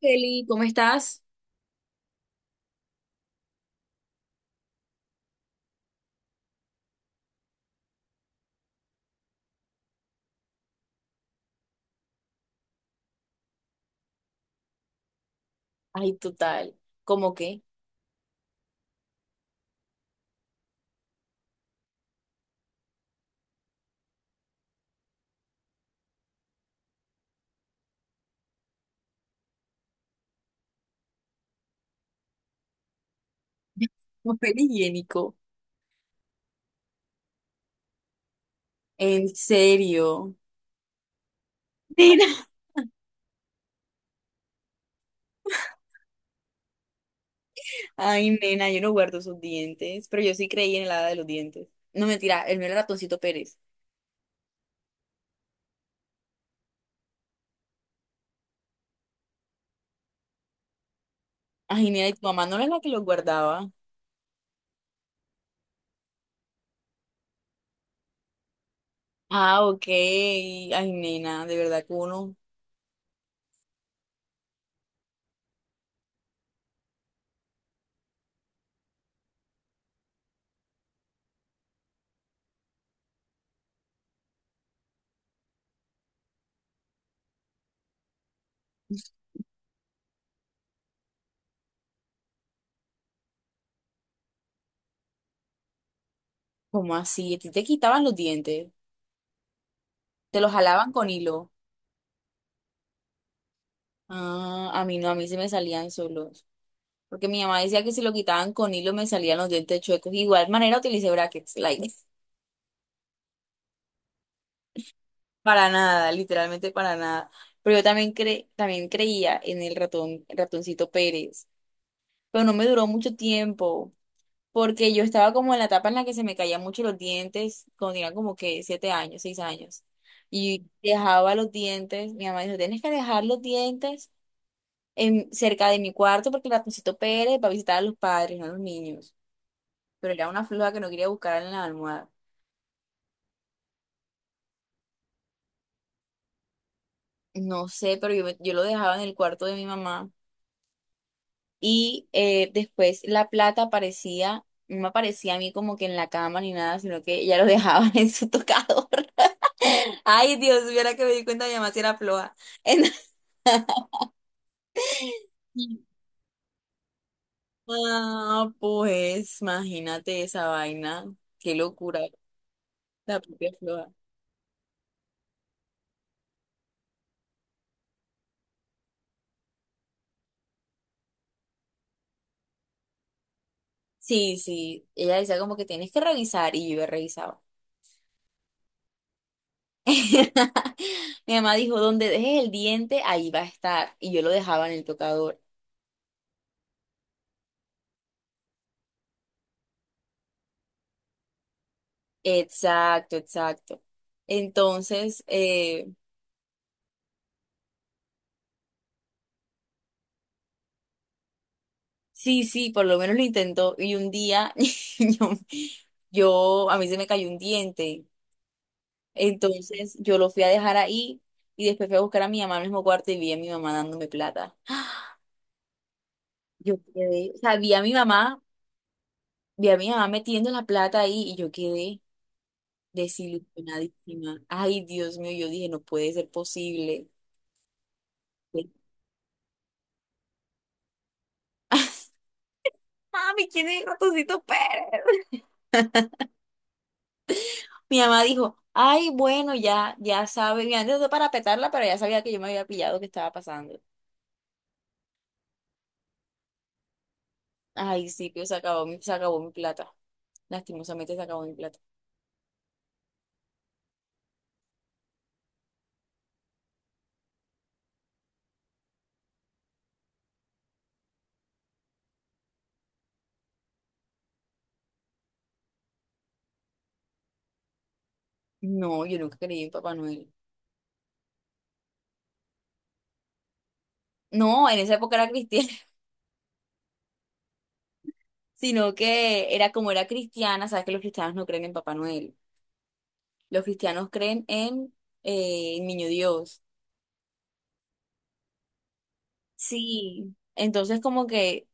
Kelly, ¿cómo estás? Ay, total. ¿Cómo qué? Papel higiénico. En serio. Nena, ay, nena, yo no guardo sus dientes, pero yo sí creí en el hada de los dientes. No, mentira, el mío era Ratoncito Pérez. Ay, nena, ¿y tu mamá no era la que los guardaba? Ah, ok. Ay, nena, de verdad que uno... ¿cómo así? ¿A ti te quitaban los dientes? ¿Te los jalaban con hilo? Ah, a mí no, a mí se me salían solos. Porque mi mamá decía que si lo quitaban con hilo me salían los dientes chuecos. Igual manera utilicé brackets, like. Para nada, literalmente para nada. Pero yo también también creía en el ratón, el ratoncito Pérez. Pero no me duró mucho tiempo, porque yo estaba como en la etapa en la que se me caían mucho los dientes, cuando tenía como que 7 años, 6 años. Y dejaba los dientes, mi mamá dijo, tienes que dejar los dientes en, cerca de mi cuarto porque el ratoncito Pérez va a visitar a los padres, no a los niños. Pero era una floja que no quería buscar en la almohada. No sé, pero yo, yo lo dejaba en el cuarto de mi mamá. Y después la plata aparecía, no me aparecía a mí como que en la cama ni nada, sino que ella lo dejaba en su tocador. Ay, Dios, viera que me di cuenta, mi mamá si era floja. Entonces, ah, pues, imagínate esa vaina. Qué locura, la propia floja. Sí, sí, ella decía como que tienes que revisar y yo revisaba. Mi mamá dijo, donde dejes el diente, ahí va a estar. Y yo lo dejaba en el tocador. Exacto, exacto. Entonces, sí, sí, por lo menos lo intentó y un día, yo, a mí se me cayó un diente. Entonces yo lo fui a dejar ahí y después fui a buscar a mi mamá al mismo cuarto y vi a mi mamá dándome plata. Yo quedé, o sea, vi a mi mamá, vi a mi mamá metiendo la plata ahí y yo quedé desilusionadísima. Ay, Dios mío, yo dije, no puede ser posible. Mami, ¿quién es Ratoncito Pérez? Mi mamá dijo, ay, bueno, ya, ya sabe, y antes de para petarla, pero ya sabía que yo me había pillado que estaba pasando. Ay, sí, pero se acabó mi plata. Lastimosamente se acabó mi plata. No, yo nunca creí en Papá Noel. No, en esa época era cristiana, sino que era, como era cristiana, sabes que los cristianos no creen en Papá Noel. Los cristianos creen en Niño Dios. Sí. Entonces como que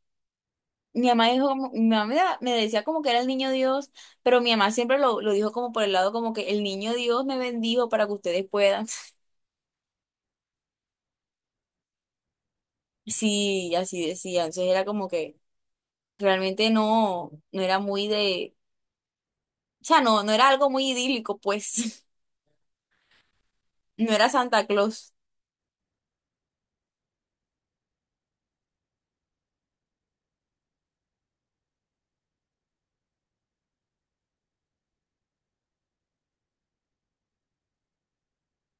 mi mamá dijo, como- mi mamá me da- me decía como que era el niño Dios, pero mi mamá siempre lo dijo como por el lado como que el niño Dios me bendijo para que ustedes puedan. Sí, así decía. Entonces era como que realmente no, no era muy de, o sea, no, no era algo muy idílico, pues. No era Santa Claus.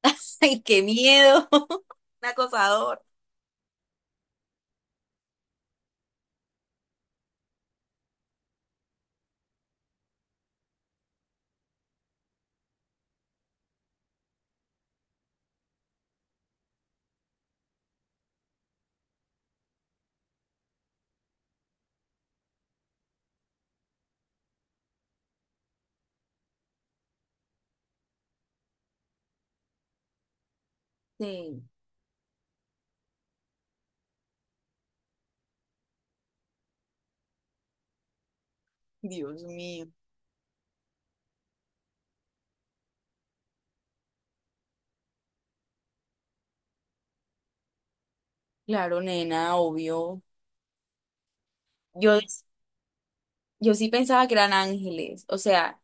¡Ay, qué miedo! Un acosador. Sí, Dios mío. Claro, nena, obvio. Yo, yo sí pensaba que eran ángeles. O sea,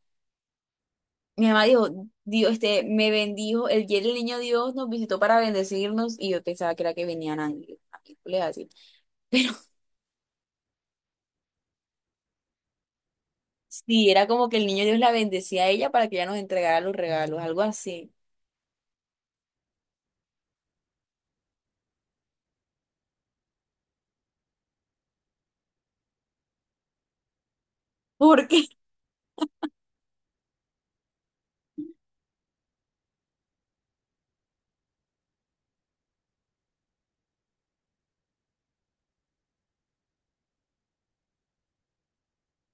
mi mamá dijo, Dios, este, me bendijo, el día del niño Dios nos visitó para bendecirnos, y yo pensaba que era que venían ángeles, películas así. Pero sí, era como que el niño Dios la bendecía a ella para que ella nos entregara los regalos, algo así. ¿Por qué?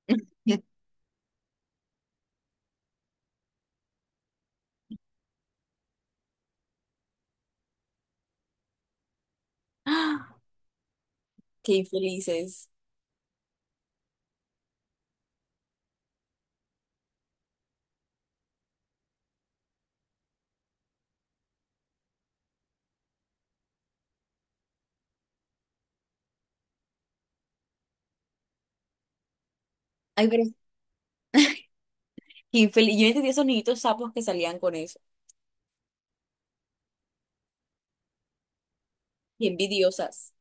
¡Ah! Qué infelices. Ay, pero qué infeliz. Yo no entendía esos niñitos sapos que salían con eso. Qué envidiosas.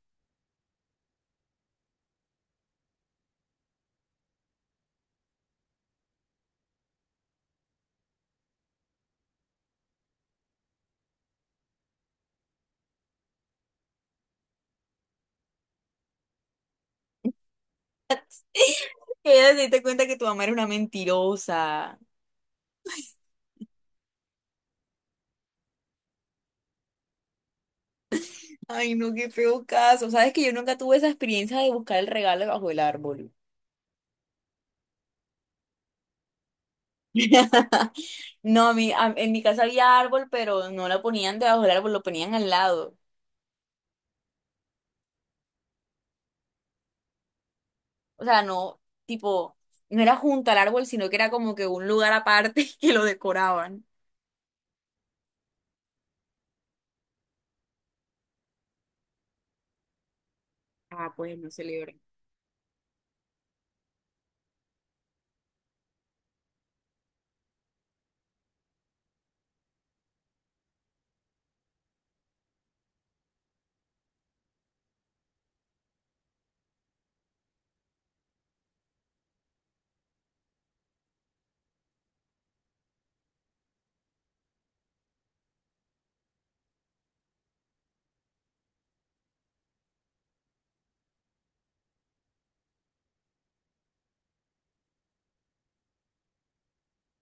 Que ellas se diste cuenta que tu mamá era una mentirosa. Ay, no, qué feo caso. Sabes que yo nunca tuve esa experiencia de buscar el regalo bajo el árbol. No, a mí, en mi casa había árbol, pero no lo ponían debajo del árbol, lo ponían al lado. O sea, no, tipo, no era junto al árbol, sino que era como que un lugar aparte que lo decoraban. Ah, pues no se libra.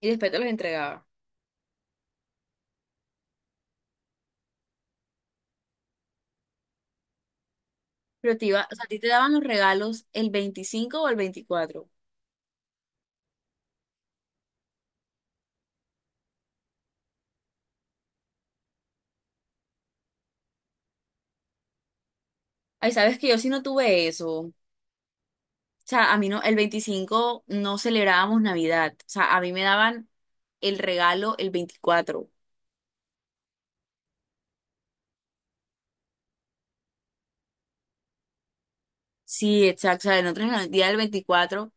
Y después te los entregaba. Pero te iba, o sea, ¿a ti te daban los regalos el 25 o el 24? Ay, sabes que yo sí no tuve eso. O sea, a mí no, el 25 no celebrábamos Navidad. O sea, a mí me daban el regalo el 24. Sí, exacto. O sea, nosotros en el día del 24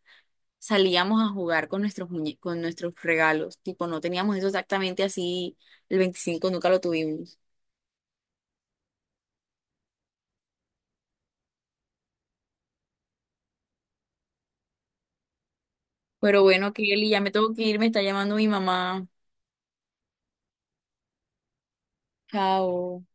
salíamos a jugar con nuestros con nuestros regalos. Tipo, no teníamos eso exactamente así. El 25 nunca lo tuvimos. Pero bueno, Kelly, ya me tengo que ir, me está llamando mi mamá. Chao.